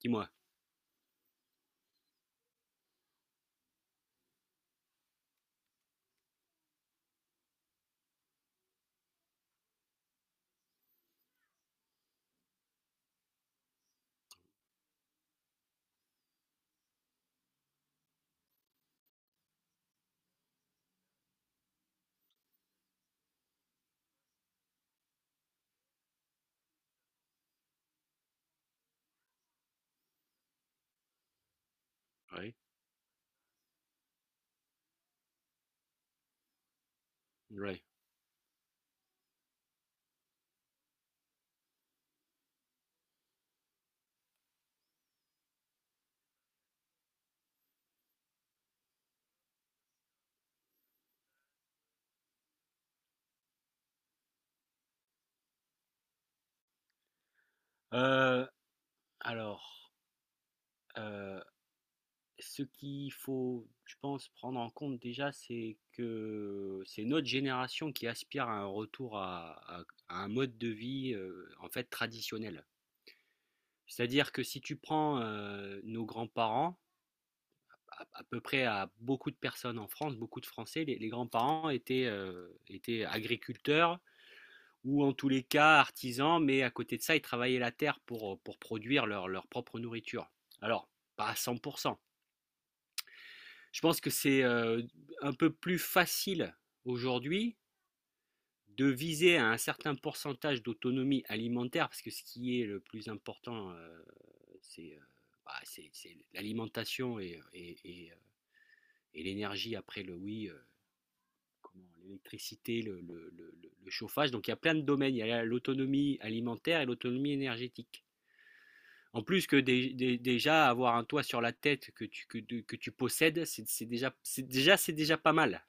Dis-moi. Oui, oui. Heu, alors, heu, ce qu'il faut, je pense, prendre en compte déjà, c'est que c'est notre génération qui aspire à un retour à un mode de vie, en fait, traditionnel. C'est-à-dire que si tu prends, nos grands-parents, à peu près à beaucoup de personnes en France, beaucoup de Français, les grands-parents étaient agriculteurs ou en tous les cas artisans, mais à côté de ça, ils travaillaient la terre pour produire leur propre nourriture. Alors, pas à 100%. Je pense que c'est un peu plus facile aujourd'hui de viser à un certain pourcentage d'autonomie alimentaire, parce que ce qui est le plus important, c'est euh, c'est l'alimentation et l'énergie après le oui, comment, l'électricité, le chauffage. Donc il y a plein de domaines, il y a l'autonomie alimentaire et l'autonomie énergétique. En plus que déjà avoir un toit sur la tête que tu possèdes, c'est déjà pas mal.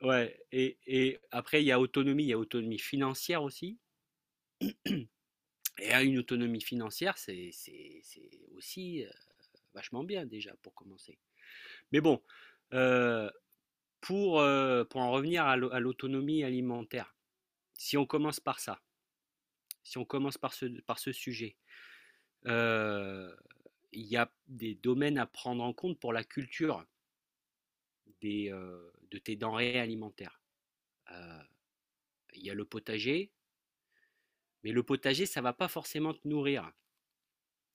Ouais, et après il y a autonomie, il y a autonomie financière aussi. Et à une autonomie financière, c'est aussi vachement bien déjà pour commencer. Mais bon, euh, pour en revenir à à l'autonomie alimentaire, si on commence par ça, si on commence par ce sujet, euh, il y a des domaines à prendre en compte pour la culture, des, de tes denrées alimentaires. Il y a le potager, mais le potager, ça ne va pas forcément te nourrir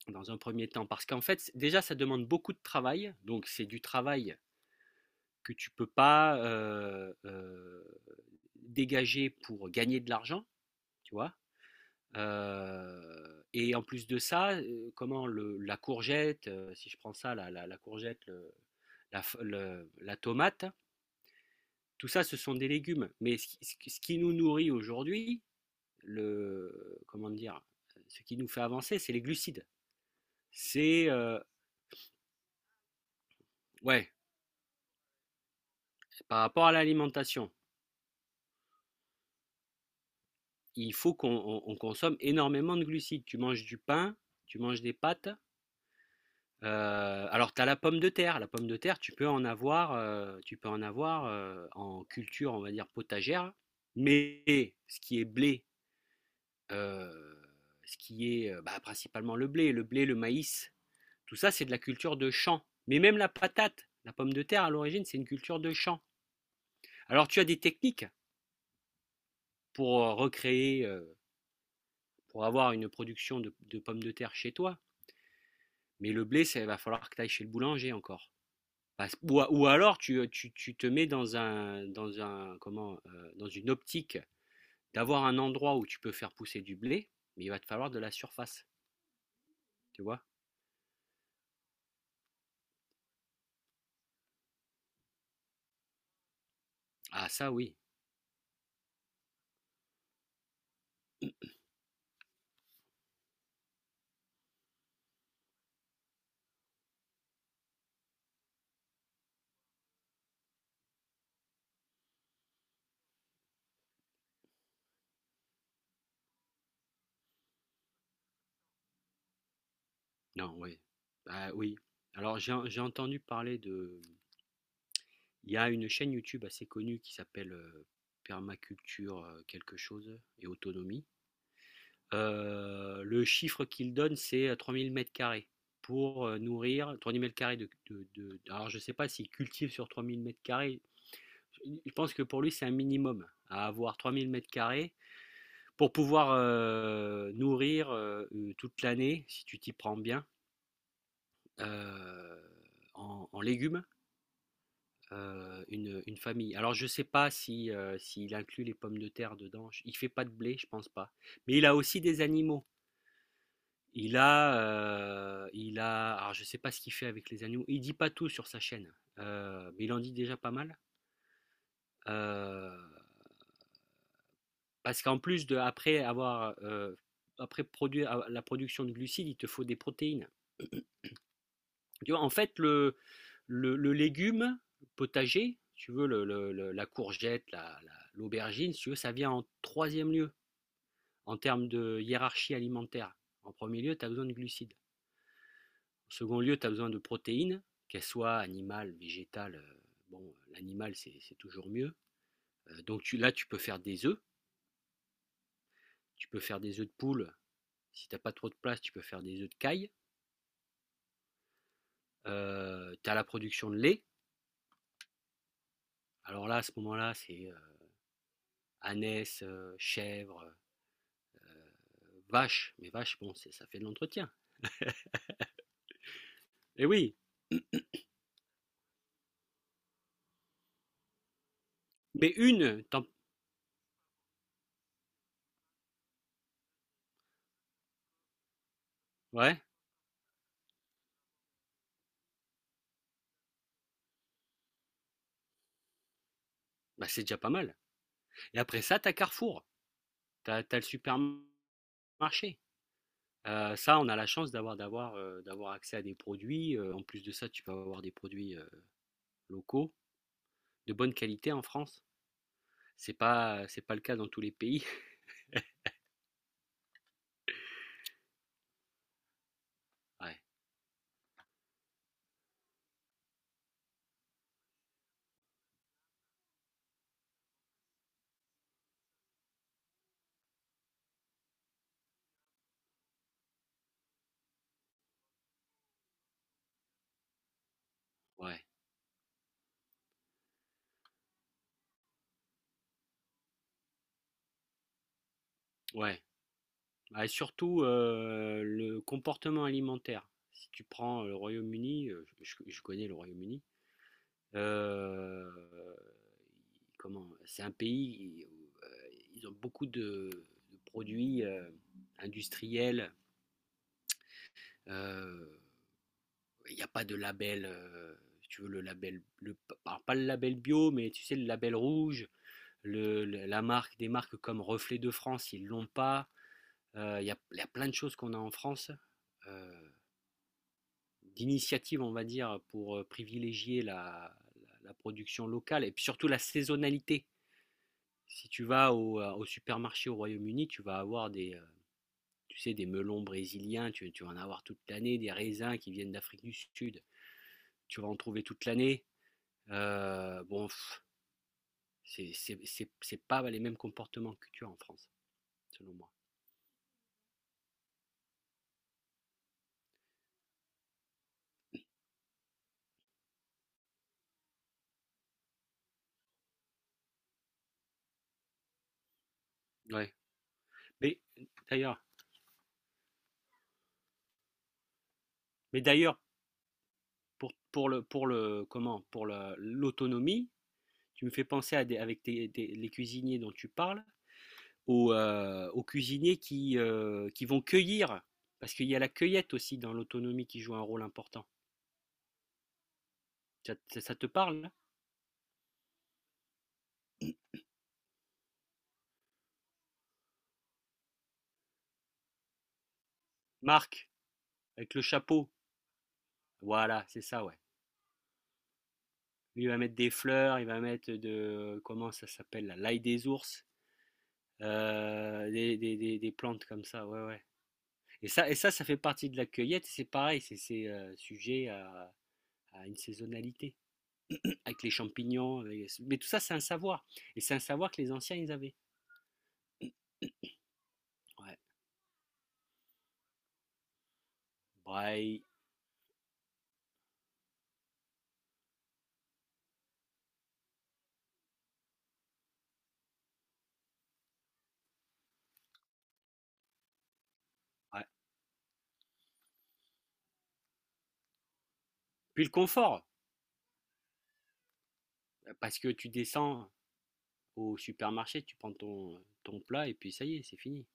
dans un premier temps, parce qu'en fait, déjà, ça demande beaucoup de travail, donc c'est du travail que tu ne peux pas dégager pour gagner de l'argent, tu vois. Et en plus de ça, comment le, la courgette, si je prends ça, la courgette, la tomate, tout ça, ce sont des légumes. Mais ce qui nous nourrit aujourd'hui, le comment dire, ce qui nous fait avancer, c'est les glucides. C'est Ouais, par rapport à l'alimentation, il faut qu'on consomme énormément de glucides. Tu manges du pain, tu manges des pâtes. Alors tu as la pomme de terre. La pomme de terre, tu peux en avoir, tu peux en avoir en culture, on va dire potagère. Mais euh, ce qui est bah, principalement le blé, le maïs, tout ça, c'est de la culture de champ. Mais même la patate, la pomme de terre, à l'origine, c'est une culture de champ. Alors, tu as des techniques pour recréer, pour avoir une production de pommes de terre chez toi. Mais le blé, ça il va falloir que tu ailles chez le boulanger encore. Ou alors tu te mets dans un comment dans une optique d'avoir un endroit où tu peux faire pousser du blé, mais il va te falloir de la surface, tu vois? Ah ça oui. Non, oui. Ah oui. Alors j'ai entendu parler de... Il y a une chaîne YouTube assez connue qui s'appelle Permaculture quelque chose et autonomie. Le chiffre qu'il donne, c'est 3000 mètres carrés pour nourrir 3000 mètres carrés Alors, je ne sais pas s'il cultive sur 3000 mètres carrés. Je pense que pour lui, c'est un minimum à avoir 3000 mètres carrés pour pouvoir nourrir toute l'année, si tu t'y prends bien, euh, en, légumes une famille. Alors je sais pas si s'il inclut les pommes de terre dedans. Il fait pas de blé, je pense pas. Mais il a aussi des animaux. Il a. Alors je sais pas ce qu'il fait avec les animaux. Il dit pas tout sur sa chaîne, mais il en dit déjà pas mal. Euh, parce qu'en plus de après avoir après produire la production de glucides, il te faut des protéines. Tu vois, en fait le légume potager, si tu veux la courgette, l'aubergine, si tu veux, ça vient en troisième lieu, en termes de hiérarchie alimentaire. En premier lieu, tu as besoin de glucides. En second lieu, tu as besoin de protéines, qu'elles soient animales, végétales. Bon, l'animal, c'est toujours mieux. Donc tu, là, tu peux faire des œufs. Tu peux faire des œufs de poule. Si tu n'as pas trop de place, tu peux faire des œufs de caille. Tu as la production de lait. Alors là, à ce moment-là, c'est ânesse, chèvre, vache. Mais vache, bon, c'est- ça fait de l'entretien. Et oui, mais une, ouais, bah c'est déjà pas mal. Et après ça, tu as Carrefour. Tu as le supermarché. Ça, on a la chance d'avoir accès à des produits. En plus de ça, tu peux avoir des produits locaux de bonne qualité en France. C'est pas le cas dans tous les pays. Ouais, ouais, ouais. Ah, et surtout le comportement alimentaire. Si tu prends le Royaume-Uni, connais le Royaume-Uni. euh, Comment? C'est un pays où ils ont beaucoup de produits industriels. euh, il n'y a pas de label, si tu veux le label, alors pas le label bio, mais tu sais, le label rouge, la marque, des marques comme Reflet de France, ils ne l'ont pas. Il y a plein de choses qu'on a en France, euh, d'initiatives, on va dire, pour privilégier la production locale et puis surtout la saisonnalité. Si tu vas au supermarché au Royaume-Uni, tu vas avoir tu sais, des melons brésiliens, tu vas en avoir toute l'année, des raisins qui viennent d'Afrique du Sud, tu vas en trouver toute l'année. Bon, c'est pas les mêmes comportements que tu as en France, selon moi. Ouais. Mais d'ailleurs, mais d'ailleurs, pour l'autonomie, tu me fais penser à des, avec les cuisiniers dont tu parles, aux, aux cuisiniers qui vont cueillir, parce qu'il y a la cueillette aussi dans l'autonomie qui joue un rôle important. Ça, ça te parle? Hein? Marc, avec le chapeau. Voilà, c'est ça, ouais. Lui, il va mettre des fleurs, il va mettre de comment ça s'appelle, la l'ail des ours. Des, des plantes comme ça, ouais, ouais. Et ça, ça fait partie de la cueillette, c'est pareil, sujet à une saisonnalité, avec les champignons, mais tout ça, c'est un savoir, et c'est un savoir que les anciens, ils avaient. Ouais. Braille, ouais. Puis le confort, parce que tu descends au supermarché, tu prends ton, ton plat, et puis ça y est, c'est fini.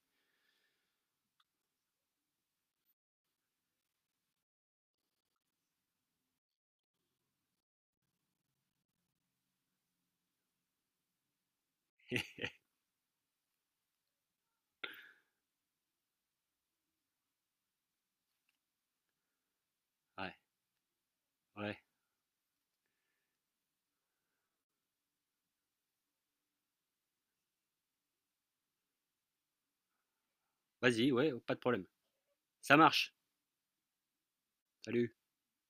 Ouais, ouais. Vas-y, ouais, pas de problème. Ça marche. Salut.